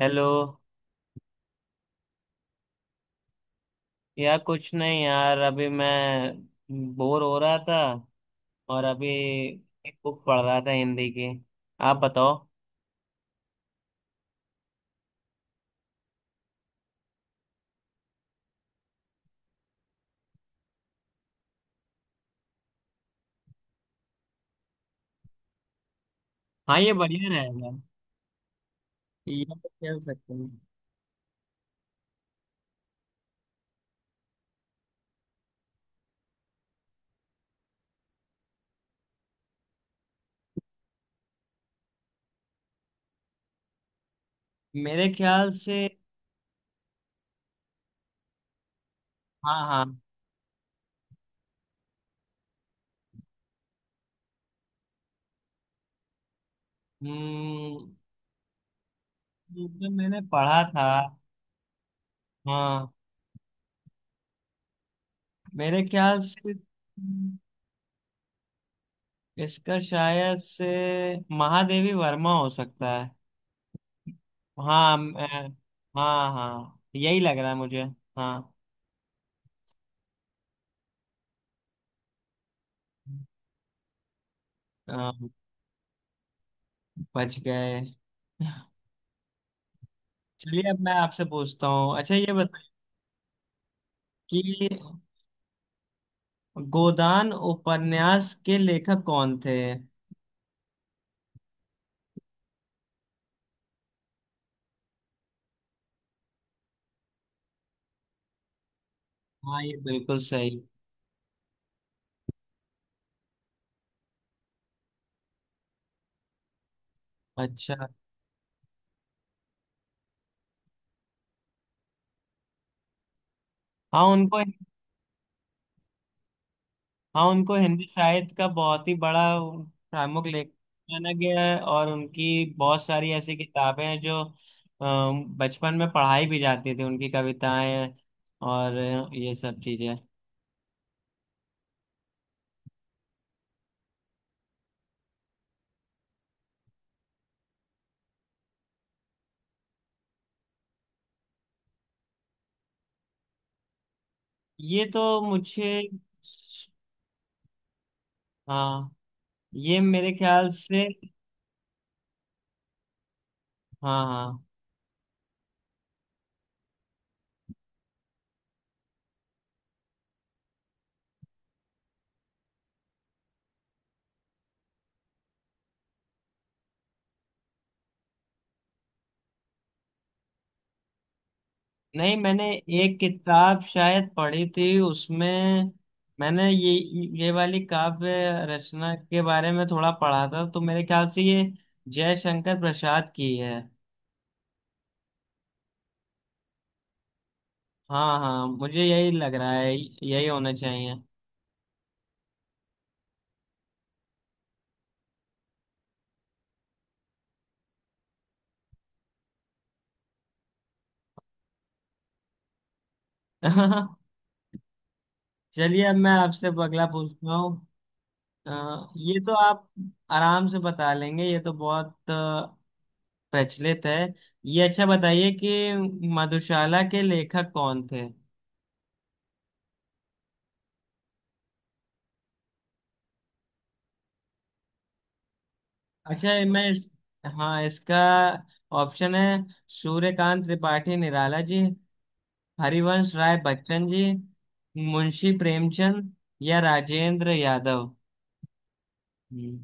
Hello. यार कुछ नहीं यार, अभी मैं बोर हो रहा था और अभी एक बुक पढ़ रहा था हिंदी की। आप बताओ। हाँ, ये बढ़िया रहेगा। ये तो खेल सकते हैं। मेरे ख्याल से हाँ। हाँ, हम्म। ये तो मैंने पढ़ा था। हाँ, मेरे ख्याल से इसका शायद से महादेवी वर्मा हो सकता है। हाँ। हाँ हाँ, यही लग रहा है मुझे। हाँ। बच गए। चलिए, अब मैं आपसे पूछता हूँ। अच्छा, ये बताइए कि गोदान उपन्यास के लेखक कौन थे। हाँ, ये बिल्कुल सही। अच्छा। हाँ, उनको, हाँ, उनको हिंदी साहित्य का बहुत ही बड़ा प्रमुख लेखक माना गया है और उनकी बहुत सारी ऐसी किताबें हैं जो बचपन में पढ़ाई भी जाती थी, उनकी कविताएं और ये सब चीजें। ये तो मुझे हाँ, ये मेरे ख्याल से, हाँ हाँ, नहीं, मैंने एक किताब शायद पढ़ी थी उसमें। मैंने ये वाली काव्य रचना के बारे में थोड़ा पढ़ा था, तो मेरे ख्याल से ये जयशंकर प्रसाद की है। हाँ हाँ, मुझे यही लग रहा है, यही होना चाहिए। चलिए, अब मैं आपसे अगला पूछता हूँ। अ, ये तो आप आराम से बता लेंगे, ये तो बहुत प्रचलित है। ये अच्छा, बताइए कि मधुशाला के लेखक कौन थे। अच्छा, ये मैं इस, हाँ, इसका ऑप्शन है सूर्यकांत त्रिपाठी निराला जी, हरिवंश राय बच्चन जी, मुंशी प्रेमचंद या राजेंद्र यादव। हम्म,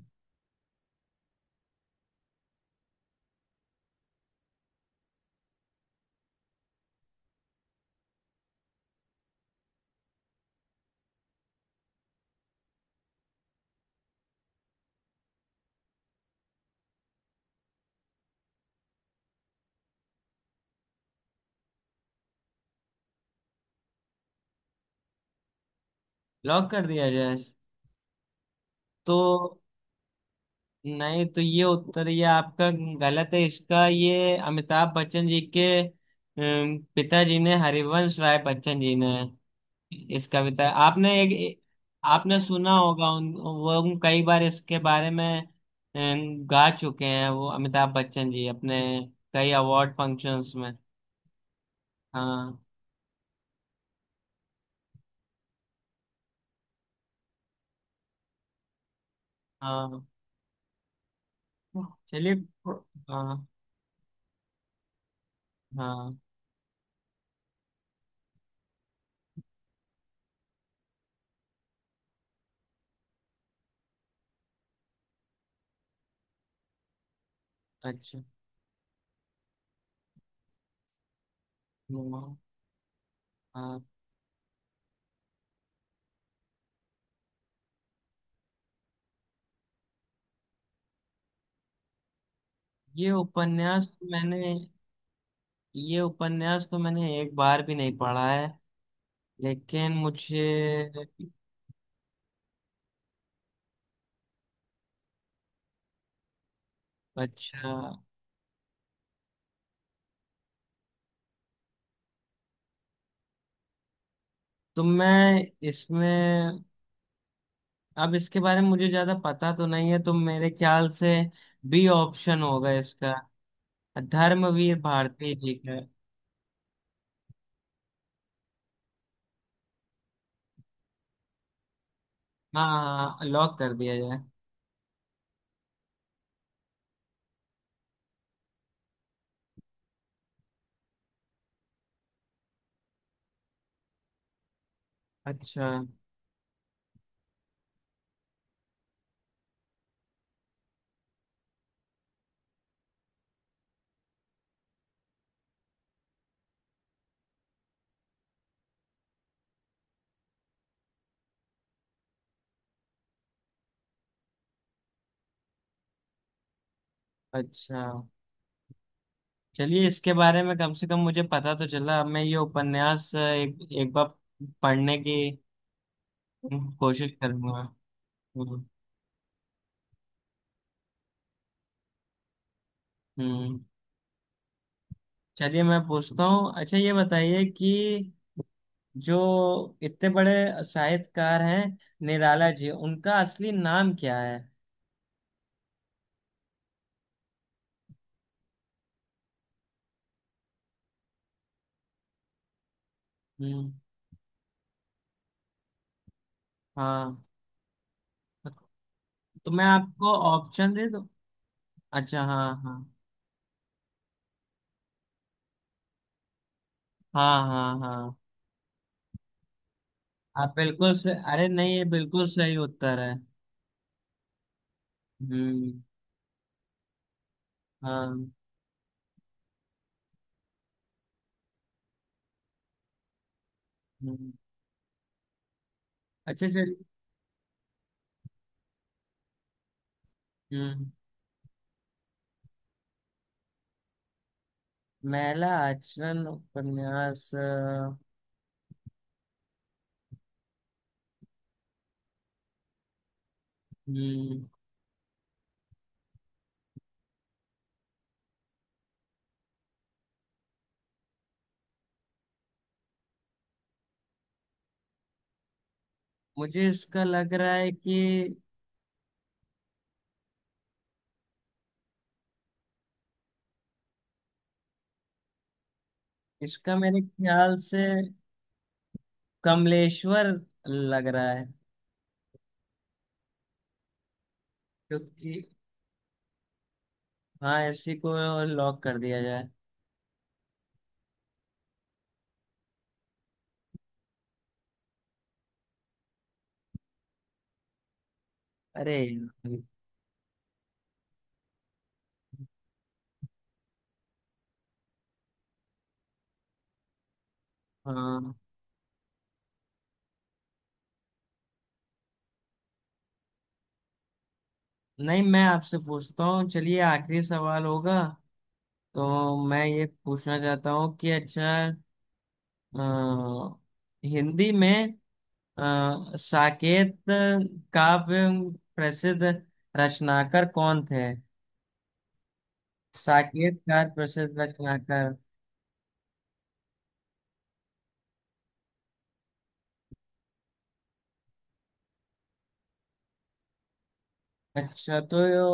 लॉक कर दिया जाए तो? नहीं तो ये उत्तर, ये आपका गलत है। इसका ये अमिताभ बच्चन जी के पिताजी ने, हरिवंश राय बच्चन जी ने इस कविता, आपने एक, आपने सुना होगा उन, वो हम कई बार इसके बारे में गा चुके हैं, वो अमिताभ बच्चन जी अपने कई अवार्ड फंक्शंस में। हाँ हाँ। चलिए हाँ। हाँ अच्छा। हाँ हाँ। ये उपन्यास तो मैंने, ये उपन्यास तो मैंने एक बार भी नहीं पढ़ा है, लेकिन मुझे अच्छा, तो मैं इसमें, अब इसके बारे में मुझे ज्यादा पता तो नहीं है, तो मेरे ख्याल से बी ऑप्शन होगा इसका, धर्मवीर भारती जी का। हाँ हाँ, लॉक कर दिया जाए। अच्छा अच्छा। चलिए, इसके बारे में कम से कम मुझे पता तो चला। अब मैं ये उपन्यास एक एक बार पढ़ने की कोशिश करूंगा। हम्म। हम्म। चलिए, मैं पूछता हूँ। अच्छा, ये बताइए कि जो इतने बड़े साहित्यकार हैं निराला जी, उनका असली नाम क्या है। हम्म। हाँ, तो मैं आपको ऑप्शन दे दूं? अच्छा हाँ हाँ हाँ हाँ हाँ, आप बिल्कुल से, अरे नहीं, ये बिल्कुल सही उत्तर है। हम्म। हाँ। हम्म, अच्छा चलिए। हम्म। महिला आचरण उपन्यास हम्म, मुझे इसका लग रहा है कि इसका मेरे ख्याल से कमलेश्वर लग रहा है, क्योंकि हाँ, इसी को लॉक कर दिया जाए। अरे। हाँ नहीं, मैं आपसे पूछता हूँ। चलिए, आखिरी सवाल होगा तो मैं ये पूछना चाहता हूँ कि अच्छा अ, हिंदी में साकेत काव्य प्रसिद्ध रचनाकार कौन थे। साकेत कार प्रसिद्ध रचनाकार। अच्छा तो यो-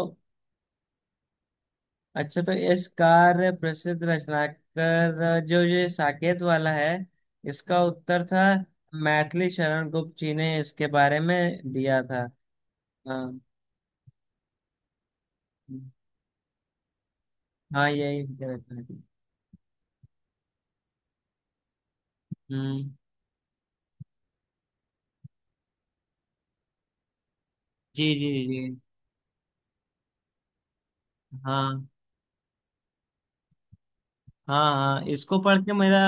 अच्छा तो इस कार्य प्रसिद्ध रचनाकार, जो ये साकेत वाला है, इसका उत्तर था मैथिली शरण गुप्त जी ने इसके बारे में दिया था। हाँ, हाँ यही मुझे लगता है। हम्म। जी जी जी। हाँ हाँ हाँ, इसको पढ़ के मेरा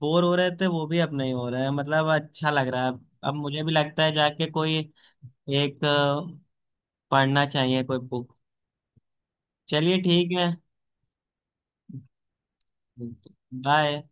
बोर हो रहे थे वो भी अब नहीं हो रहा है, मतलब अच्छा लग रहा है। अब मुझे भी लगता है जाके कोई एक पढ़ना चाहिए कोई बुक। चलिए, ठीक है। बाय।